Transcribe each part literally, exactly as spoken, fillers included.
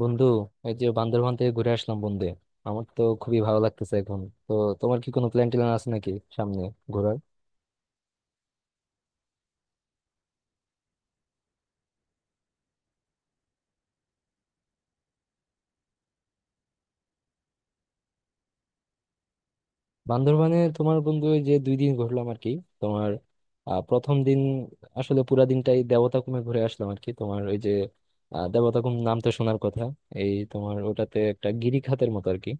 বন্ধু এই যে বান্দরবান থেকে ঘুরে আসলাম বন্ধু। আমার তো খুবই ভালো লাগতেছে এখন। তো তোমার কি কোনো প্ল্যান ট্যান আছে নাকি সামনে ঘোরার? বান্দরবানে তোমার বন্ধু এই যে দুই দিন ঘুরলাম আর কি। তোমার আহ, প্রথম দিন আসলে পুরা দিনটাই দেবতাখুমে ঘুরে আসলাম আর কি। তোমার ওই যে আহ, দেবতাখুম নাম তো শোনার কথা। এই তোমার ওটাতে একটা গিরিখাতের মতো আর কি।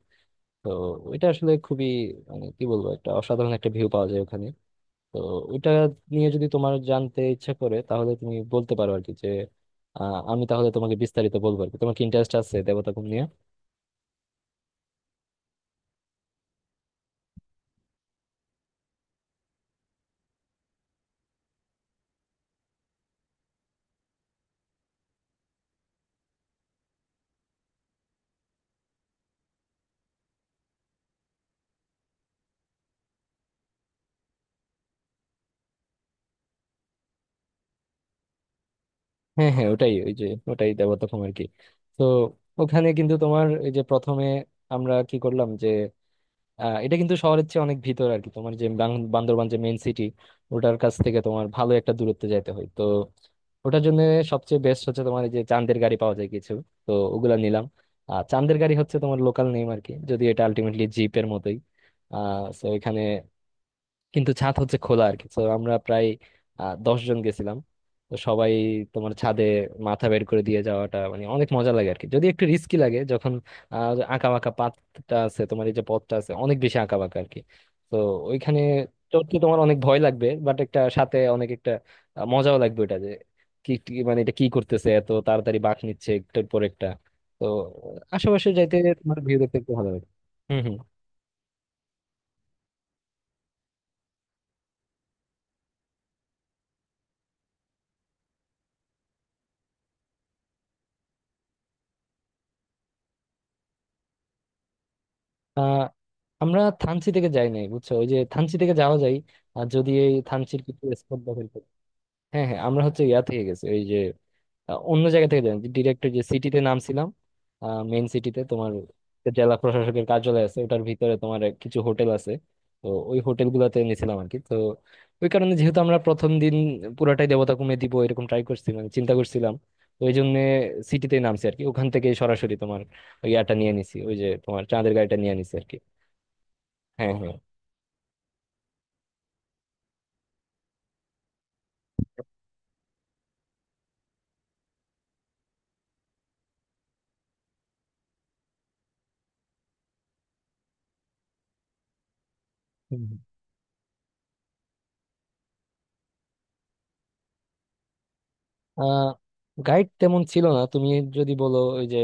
তো ওইটা আসলে খুবই, মানে কি বলবো, একটা অসাধারণ একটা ভিউ পাওয়া যায় ওখানে। তো ওইটা নিয়ে যদি তোমার জানতে ইচ্ছা করে তাহলে তুমি বলতে পারো আর কি যে আহ, আমি তাহলে তোমাকে বিস্তারিত বলবো আর কি। তোমার কি ইন্টারেস্ট আছে দেবতাখুম নিয়ে? হ্যাঁ হ্যাঁ, ওটাই, ওই যে ওটাই দেবতাখুম আর কি। তো ওখানে কিন্তু তোমার এই যে প্রথমে আমরা কি করলাম যে আহ, এটা কিন্তু শহরের চেয়ে অনেক ভিতর আর কি। তোমার যে বান- বান্দরবান যে মেইন সিটি, ওটার কাছ থেকে তোমার ভালো একটা দূরত্বে যাইতে হয়। তো ওটার জন্য সবচেয়ে বেস্ট হচ্ছে তোমার এই যে চান্দের গাড়ি পাওয়া যায় কিছু, তো ওগুলা নিলাম। আর চান্দের গাড়ি হচ্ছে তোমার লোকাল নেম আর কি, যদি এটা আলটিমেটলি জিপের মতোই। আহ তো এখানে কিন্তু ছাদ হচ্ছে খোলা আর কি। তো আমরা প্রায় আহ, দশ জন গেছিলাম। তো সবাই তোমার ছাদে মাথা বের করে দিয়ে যাওয়াটা মানে অনেক মজা লাগে আর কি, যদি একটু রিস্কি লাগে যখন আহ আঁকা বাঁকা পাতটা আছে তোমার, এই যে পথটা আছে অনেক বেশি আঁকা বাঁকা আর কি। তো ওইখানে চড়তে তোমার অনেক ভয় লাগবে, বাট একটা সাথে অনেক একটা আহ, মজাও লাগবে। ওটা যে কি কি- মানে এটা কি করতেছে, এত তাড়াতাড়ি বাঁক নিচ্ছে একটার পর একটা। তো আশেপাশে যাইতে তোমার ভিউ দেখতে একটু ভালো লাগে। হম। আহ আমরা থানচি থেকে যাই নাই বুঝছো, ওই যে থানচি থেকে যাওয়া যায় আর যদি এই থানচির কিছু স্পট দখল করি। হ্যাঁ হ্যাঁ, আমরা হচ্ছে ইয়া থেকে গেছি, ওই যে আহ, অন্য জায়গা থেকে যাই, ডিরেক্ট যে সিটিতে নামছিলাম, মেইন সিটিতে। তোমার জেলা প্রশাসকের কার্যালয় আছে, ওটার ভিতরে তোমার কিছু হোটেল আছে। তো ওই হোটেল গুলাতে নিয়েছিলাম আর কি। তো ওই কারণে, যেহেতু আমরা প্রথম দিন পুরাটাই দেবতা কমে দিব এরকম ট্রাই করছি, মানে চিন্তা করছিলাম, তো ওই জন্য সিটিতে নামছি আর কি। ওখান থেকে সরাসরি তোমার ওই ইয়াটা নিয়ে নিছি, ওই যে তোমার চাঁদের গাড়িটা নিয়ে নিছি আর কি। হ্যাঁ হ্যাঁ। হুম। আহ গাইড তেমন ছিল না। তুমি যদি বলো ওই যে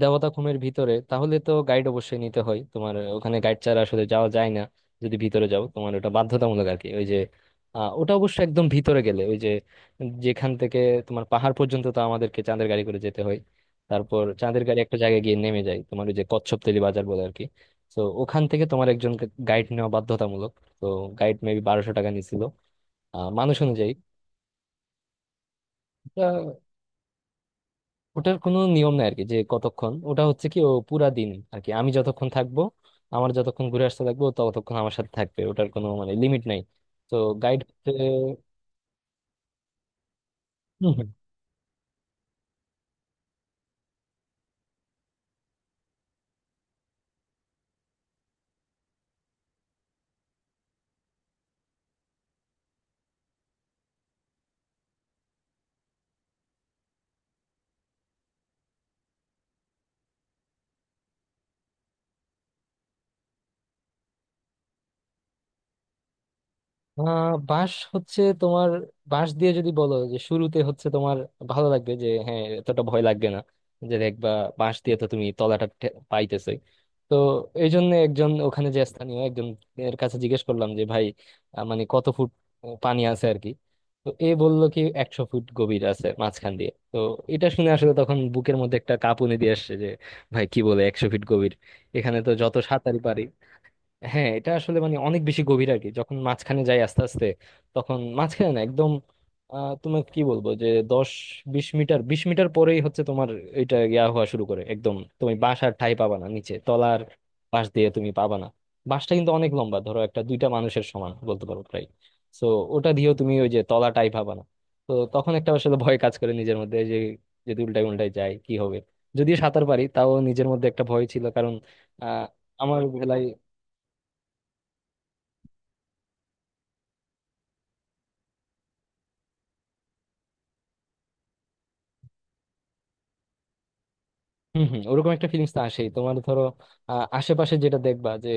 দেবতাখুমের ভিতরে, তাহলে তো গাইড অবশ্যই নিতে হয়। তোমার ওখানে গাইড ছাড়া আসলে যাওয়া যায় না, যদি ভিতরে যাও। তোমার ওটা বাধ্যতামূলক আর কি। ওই যে আহ, ওটা অবশ্য একদম ভিতরে গেলে, ওই যে যেখান থেকে তোমার পাহাড় পর্যন্ত, তো আমাদেরকে চাঁদের গাড়ি করে যেতে হয়। তারপর চাঁদের গাড়ি একটা জায়গায় গিয়ে নেমে যায় তোমার, ওই যে কচ্ছপতলী বাজার বলে আর কি। তো ওখান থেকে তোমার একজন গাইড নেওয়া বাধ্যতামূলক। তো গাইড মেবি বারোশো টাকা নিছিল, আহ, মানুষ অনুযায়ী। ওটার কোনো নিয়ম নাই আর কি, যে কতক্ষণ। ওটা হচ্ছে কি, ও পুরা দিন আর কি। আমি যতক্ষণ থাকবো, আমার যতক্ষণ ঘুরে আসতে থাকবো, ও ততক্ষণ আমার সাথে থাকবে। ওটার কোনো মানে লিমিট নাই। তো গাইড আহ বাঁশ হচ্ছে তোমার, বাঁশ দিয়ে যদি বলো যে শুরুতে হচ্ছে তোমার ভালো লাগবে, যে হ্যাঁ এতটা ভয় লাগবে না। যে দেখবা বাঁশ দিয়ে তো তুমি তলাটা পাইতেছে। তো এই জন্য একজন, ওখানে যে স্থানীয় একজন, এর কাছে জিজ্ঞেস করলাম যে, ভাই আহ, মানে কত ফুট পানি আছে আর কি। তো এ বললো কি একশো ফুট গভীর আছে মাঝখান দিয়ে। তো এটা শুনে আসলে তখন বুকের মধ্যে একটা কাঁপুনি দিয়ে আসছে যে, ভাই কি বলে একশো ফিট গভীর! এখানে তো যত সাঁতারই পারি। হ্যাঁ, এটা আসলে মানে অনেক বেশি গভীর আর কি। যখন মাঝখানে যাই আস্তে আস্তে, তখন মাঝখানে না একদম, আহ তোমার কি বলবো, যে দশ বিশ মিটার বিশ মিটার পরেই হচ্ছে তোমার, এটা ইয়া হওয়া শুরু করে, একদম তুমি বাসার ঠাঁই পাবা না নিচে তলার। পাশ দিয়ে তুমি পাবা না। বাসটা কিন্তু অনেক লম্বা, ধরো একটা দুইটা মানুষের সমান বলতে পারো প্রায়। তো ওটা দিয়েও তুমি ওই যে তলাটাই পাবা না। তো তখন একটা আসলে ভয় কাজ করে নিজের মধ্যে, যে যদি উল্টায় উল্টায় যায় কি হবে। যদিও সাঁতার পারি তাও নিজের মধ্যে একটা ভয় ছিল কারণ আহ, আমার বেলায়। হম হম, ওরকম একটা ফিলিংস তো আসেই। তোমার ধরো আহ, আশেপাশে যেটা দেখবা যে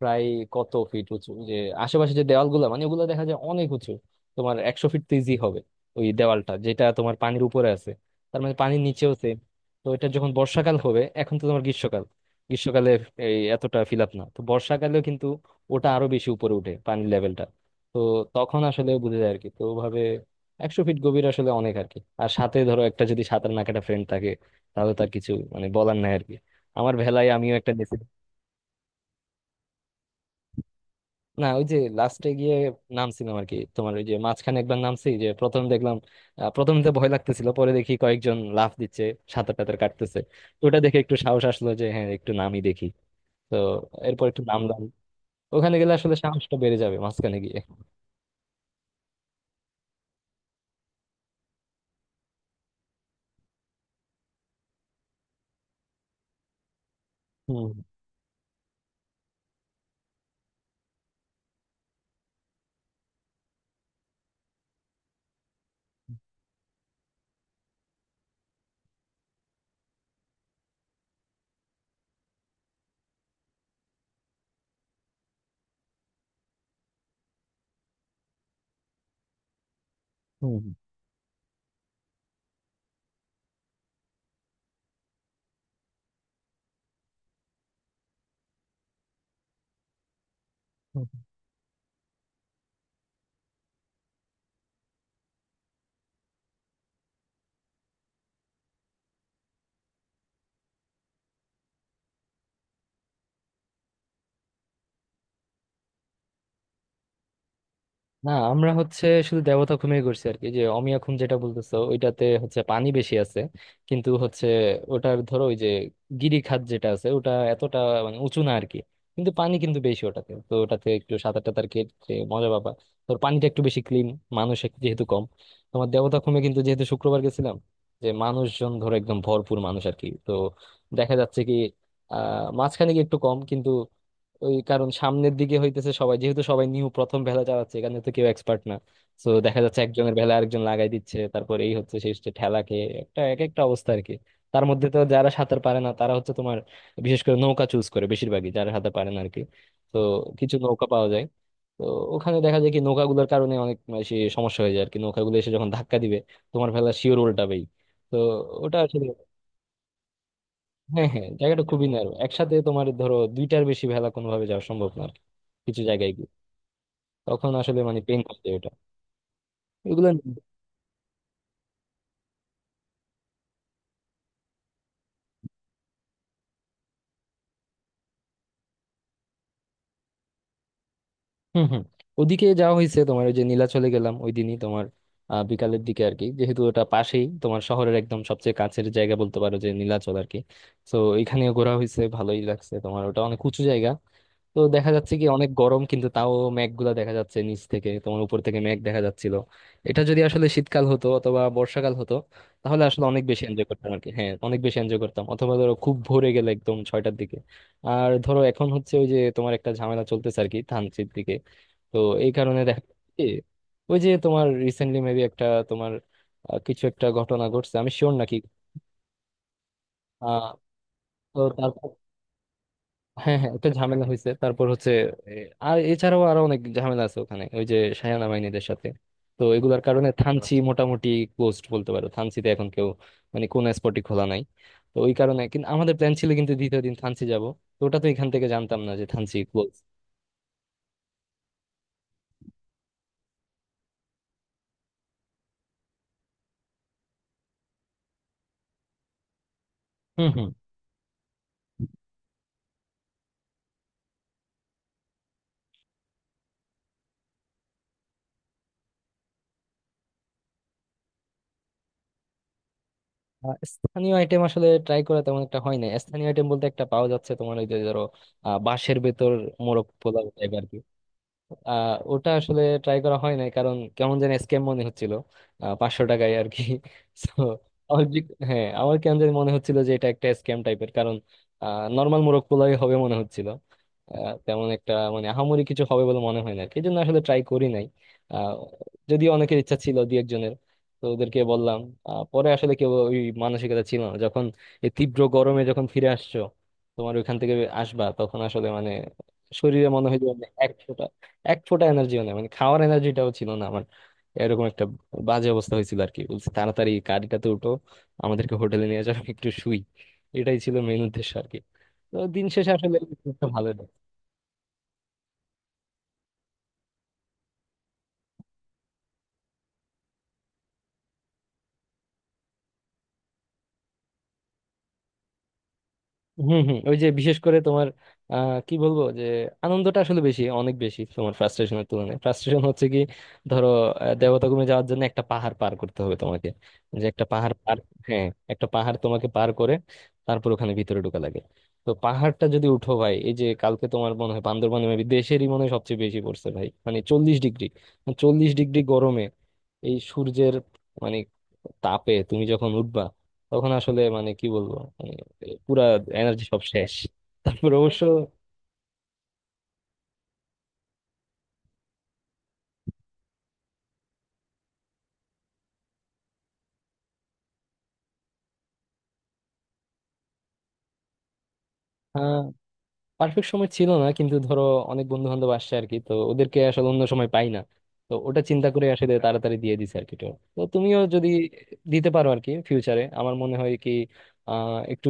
প্রায় কত ফিট উঁচু যে, আশেপাশে যে দেওয়ালগুলো মানে, ওগুলো দেখা যায় অনেক উঁচু। তোমার একশো ফিট তো ইজি হবে ওই দেওয়ালটা, যেটা তোমার পানির উপরে আছে। তার মানে পানির নিচেও সেম। তো এটা যখন বর্ষাকাল হবে, এখন তো তোমার গ্রীষ্মকাল, গ্রীষ্মকালে এই এতটা ফিল আপ না, তো বর্ষাকালেও কিন্তু ওটা আরো বেশি উপরে উঠে পানির লেভেলটা। তো তখন আসলে বুঝে যায় আর কি। তো ওভাবে একশো ফিট গভীর আসলে অনেক আর কি। আর সাথে ধরো একটা যদি সাঁতার না কাটা ফ্রেন্ড থাকে, তাহলে তার কিছু মানে বলার নাই আর কি। আমার ভেলায় আমিও একটা নিয়েছি। না, ওই যে লাস্টে গিয়ে নামছিলাম আর কি। তোমার ওই যে মাঝখানে একবার নামছি, যে প্রথম দেখলাম, আহ, প্রথম তো ভয় লাগতেছিল, পরে দেখি কয়েকজন লাফ দিচ্ছে, সাঁতার টাতার কাটতেছে। তো ওটা দেখে একটু সাহস আসলো, যে হ্যাঁ একটু নামই দেখি। তো এরপর একটু নামলাম। ওখানে গেলে আসলে সাহসটা বেড়ে যাবে মাঝখানে গিয়ে। হুম হুম হুম। না, আমরা হচ্ছে শুধু দেবতা খুমে করছি আর কি। যে অমিয়া খুন যেটা বলতেছো, ওইটাতে হচ্ছে পানি বেশি আছে কিন্তু হচ্ছে ওটার ধরো ওই যে গিরিখাত যেটা আছে, ওটা এতটা মানে উঁচু না আর কি, কিন্তু পানি কিন্তু বেশি ওটাতে। তো ওটাতে একটু সাঁতার টাতার কেটে মজা পাবা। তোর পানিটা একটু বেশি ক্লিন, মানুষ এক- যেহেতু কম। তোমার দেবতা খুমে কিন্তু, যেহেতু শুক্রবার গেছিলাম, যে মানুষজন ধরো একদম ভরপুর মানুষ আর কি। তো দেখা যাচ্ছে কি আহ মাঝখানে গিয়ে একটু কম কিন্তু, ওই কারণ সামনের দিকে হইতেছে সবাই, যেহেতু সবাই নিউ প্রথম ভেলা চালাচ্ছে, এখানে তো কেউ এক্সপার্ট না। তো দেখা যাচ্ছে একজনের ভেলা আরেকজন লাগাই দিচ্ছে, তারপর এই হচ্ছে সেই হচ্ছে ঠেলা খেয়ে একটা এক একটা অবস্থা আর কি। তার মধ্যে তো যারা সাঁতার পারে না, তারা হচ্ছে তোমার বিশেষ করে নৌকা চুজ করে বেশিরভাগই, যারা সাঁতার পারে না আর কি। তো কিছু নৌকা পাওয়া যায়। তো ওখানে দেখা যায় কি, নৌকাগুলোর কারণে অনেক বেশি সমস্যা হয়ে যায় আর কি, নৌকাগুলো এসে যখন ধাক্কা দিবে তোমার ভেলা শিওর উল্টাবেই। তো ওটা আসলে, হ্যাঁ হ্যাঁ, জায়গাটা খুবই ন্যারো, একসাথে তোমার ধরো দুইটার বেশি ভেলা কোনোভাবে যাওয়া সম্ভব না আর কি, কিছু জায়গায় গিয়ে তখন আসলে মানে পেন করতে এটা। এগুলো। হুম হুম, ওদিকে যাওয়া হয়েছে তোমার। ওই যে নীলাচলে গেলাম ওই দিনই তোমার আহ, বিকালের দিকে আর কি। যেহেতু ওটা পাশেই তোমার, শহরের একদম সবচেয়ে কাছের জায়গা বলতে পারো যে, নীলাচল আর কি। তো এখানেও ঘোরা হয়েছে, ভালোই লাগছে। তোমার ওটা অনেক উঁচু জায়গা। তো দেখা যাচ্ছে কি অনেক গরম কিন্তু, তাও মেঘগুলা দেখা যাচ্ছে নিচ থেকে, তোমার উপর থেকে মেঘ দেখা যাচ্ছিল। এটা যদি আসলে শীতকাল হতো অথবা বর্ষাকাল হতো, তাহলে আসলে অনেক বেশি এনজয় করতাম আর কি। হ্যাঁ অনেক বেশি এনজয় করতাম, অথবা ধরো খুব ভোরে গেলে একদম ছয়টার দিকে। আর ধরো এখন হচ্ছে, ওই যে তোমার একটা ঝামেলা চলতেছে আর কি ধানসির দিকে। তো এই কারণে দেখা যায় কি, ওই যে তোমার রিসেন্টলি মেবি একটা তোমার আহ, কিছু একটা ঘটনা ঘটছে, আমি শিওর নাকি। আহ তো তারপর, হ্যাঁ হ্যাঁ, একটা ঝামেলা হয়েছে। তারপর হচ্ছে এ, আর এছাড়াও আরো অনেক ঝামেলা আছে ওখানে, ওই যে শায়ানা মাইনিদের সাথে। তো এগুলার কারণে থানচি মোটামুটি ক্লোজড বলতে পারো। থানচিতে এখন কেউ মানে কোন স্পটই খোলা নাই। তো ওই কারণে কিন্তু, আমাদের প্ল্যান ছিল কিন্তু দ্বিতীয় দিন থানচি যাব। তো ওটা তো এখান থেকে জানতাম না যে থানচি ক্লোজ। আহ, স্থানীয় আইটেম আসলে ট্রাই করা তেমন একটা হয় না। স্থানীয় আইটেম বলতে একটা পাওয়া যাচ্ছে তোমার, ওই যে ধরো আহ, বাঁশের ভেতর মোরগ পোলাও টাইপ আর কি। আহ ওটা আসলে ট্রাই করা হয় নাই, কারণ কেমন যেন স্ক্যাম মনে হচ্ছিল আহ, পাঁচশো টাকায় আর কি। So, আমার যে- হ্যাঁ আমার কেমন যেন মনে হচ্ছিল যে এটা একটা স্ক্যাম টাইপের, কারণ নর্মাল মোরগ পোলাই হবে মনে হচ্ছিল। আহ, তেমন একটা মানে আহামরি কিছু হবে বলে মনে হয় না আর কি। এই জন্য আসলে ট্রাই করি নাই। আহ, যদিও অনেকের ইচ্ছা ছিল দুই একজনের, তো ওদেরকে বললাম। আহ, পরে আসলে কেউ ওই মানসিকতা ছিল না যখন, এই তীব্র গরমে যখন ফিরে আসছো তোমার ওইখান থেকে আসবা, তখন আসলে মানে শরীরে মনে হয় যে এক ফোঁটা এনার্জিও নেই। মানে খাওয়ার এনার্জিটাও ছিল না আমার। এরকম একটা বাজে অবস্থা হয়েছিল আর কি। বলছে তাড়াতাড়ি গাড়িটাতে উঠো, আমাদেরকে হোটেলে নিয়ে যাও, একটু শুই। এটাই ছিল মেন উদ্দেশ্য আর কি। তো দিন শেষে আসলে ভালো। হম হম, ওই যে বিশেষ করে তোমার আহ কি বলবো যে, আনন্দটা আসলে বেশি, অনেক বেশি তোমার ফ্রাস্ট্রেশনের তুলনায়। ফ্রাস্ট্রেশন হচ্ছে কি, ধরো আহ, দেবতাগমে যাওয়ার জন্য একটা পাহাড় পার করতে হবে তোমাকে, যে একটা পাহাড় পার। হ্যাঁ, একটা পাহাড় তোমাকে পার করে তারপর ওখানে ভিতরে ঢোকা লাগে। তো পাহাড়টা যদি উঠো ভাই, এই যে কালকে তোমার মনে হয় বান্দরবানে maybe দেশেরই মনে হয় সবচেয়ে বেশি পড়ছে ভাই, মানে চল্লিশ ডিগ্রি, মানে চল্লিশ ডিগ্রি গরমে, এই সূর্যের মানে তাপে তুমি যখন উঠবা, তখন আসলে মানে কি বলবো, মানে পুরা এনার্জি সব শেষ। তারপর অবশ্য আহ পারফেক্ট সময় ছিল না, কিন্তু ধরো অনেক বন্ধু বান্ধব আসছে আর কি, তো ওদেরকে আসলে অন্য সময় পাই না। তো ওটা চিন্তা করে আসলে তাড়াতাড়ি দিয়ে দিছে আর কি tour। তো তুমিও যদি দিতে পারো আর কি ফিউচারে, আমার মনে হয় কি, আহ একটু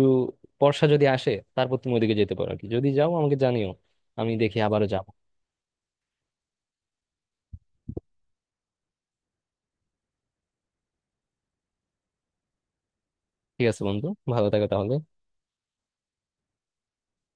বর্ষা যদি আসে, তারপর তুমি ওদিকে যেতে পারো আর কি। যদি যাও আমাকে জানিও, আমি দেখি আবারও যাবো। ঠিক আছে বন্ধু, ভালো থাকো তাহলে।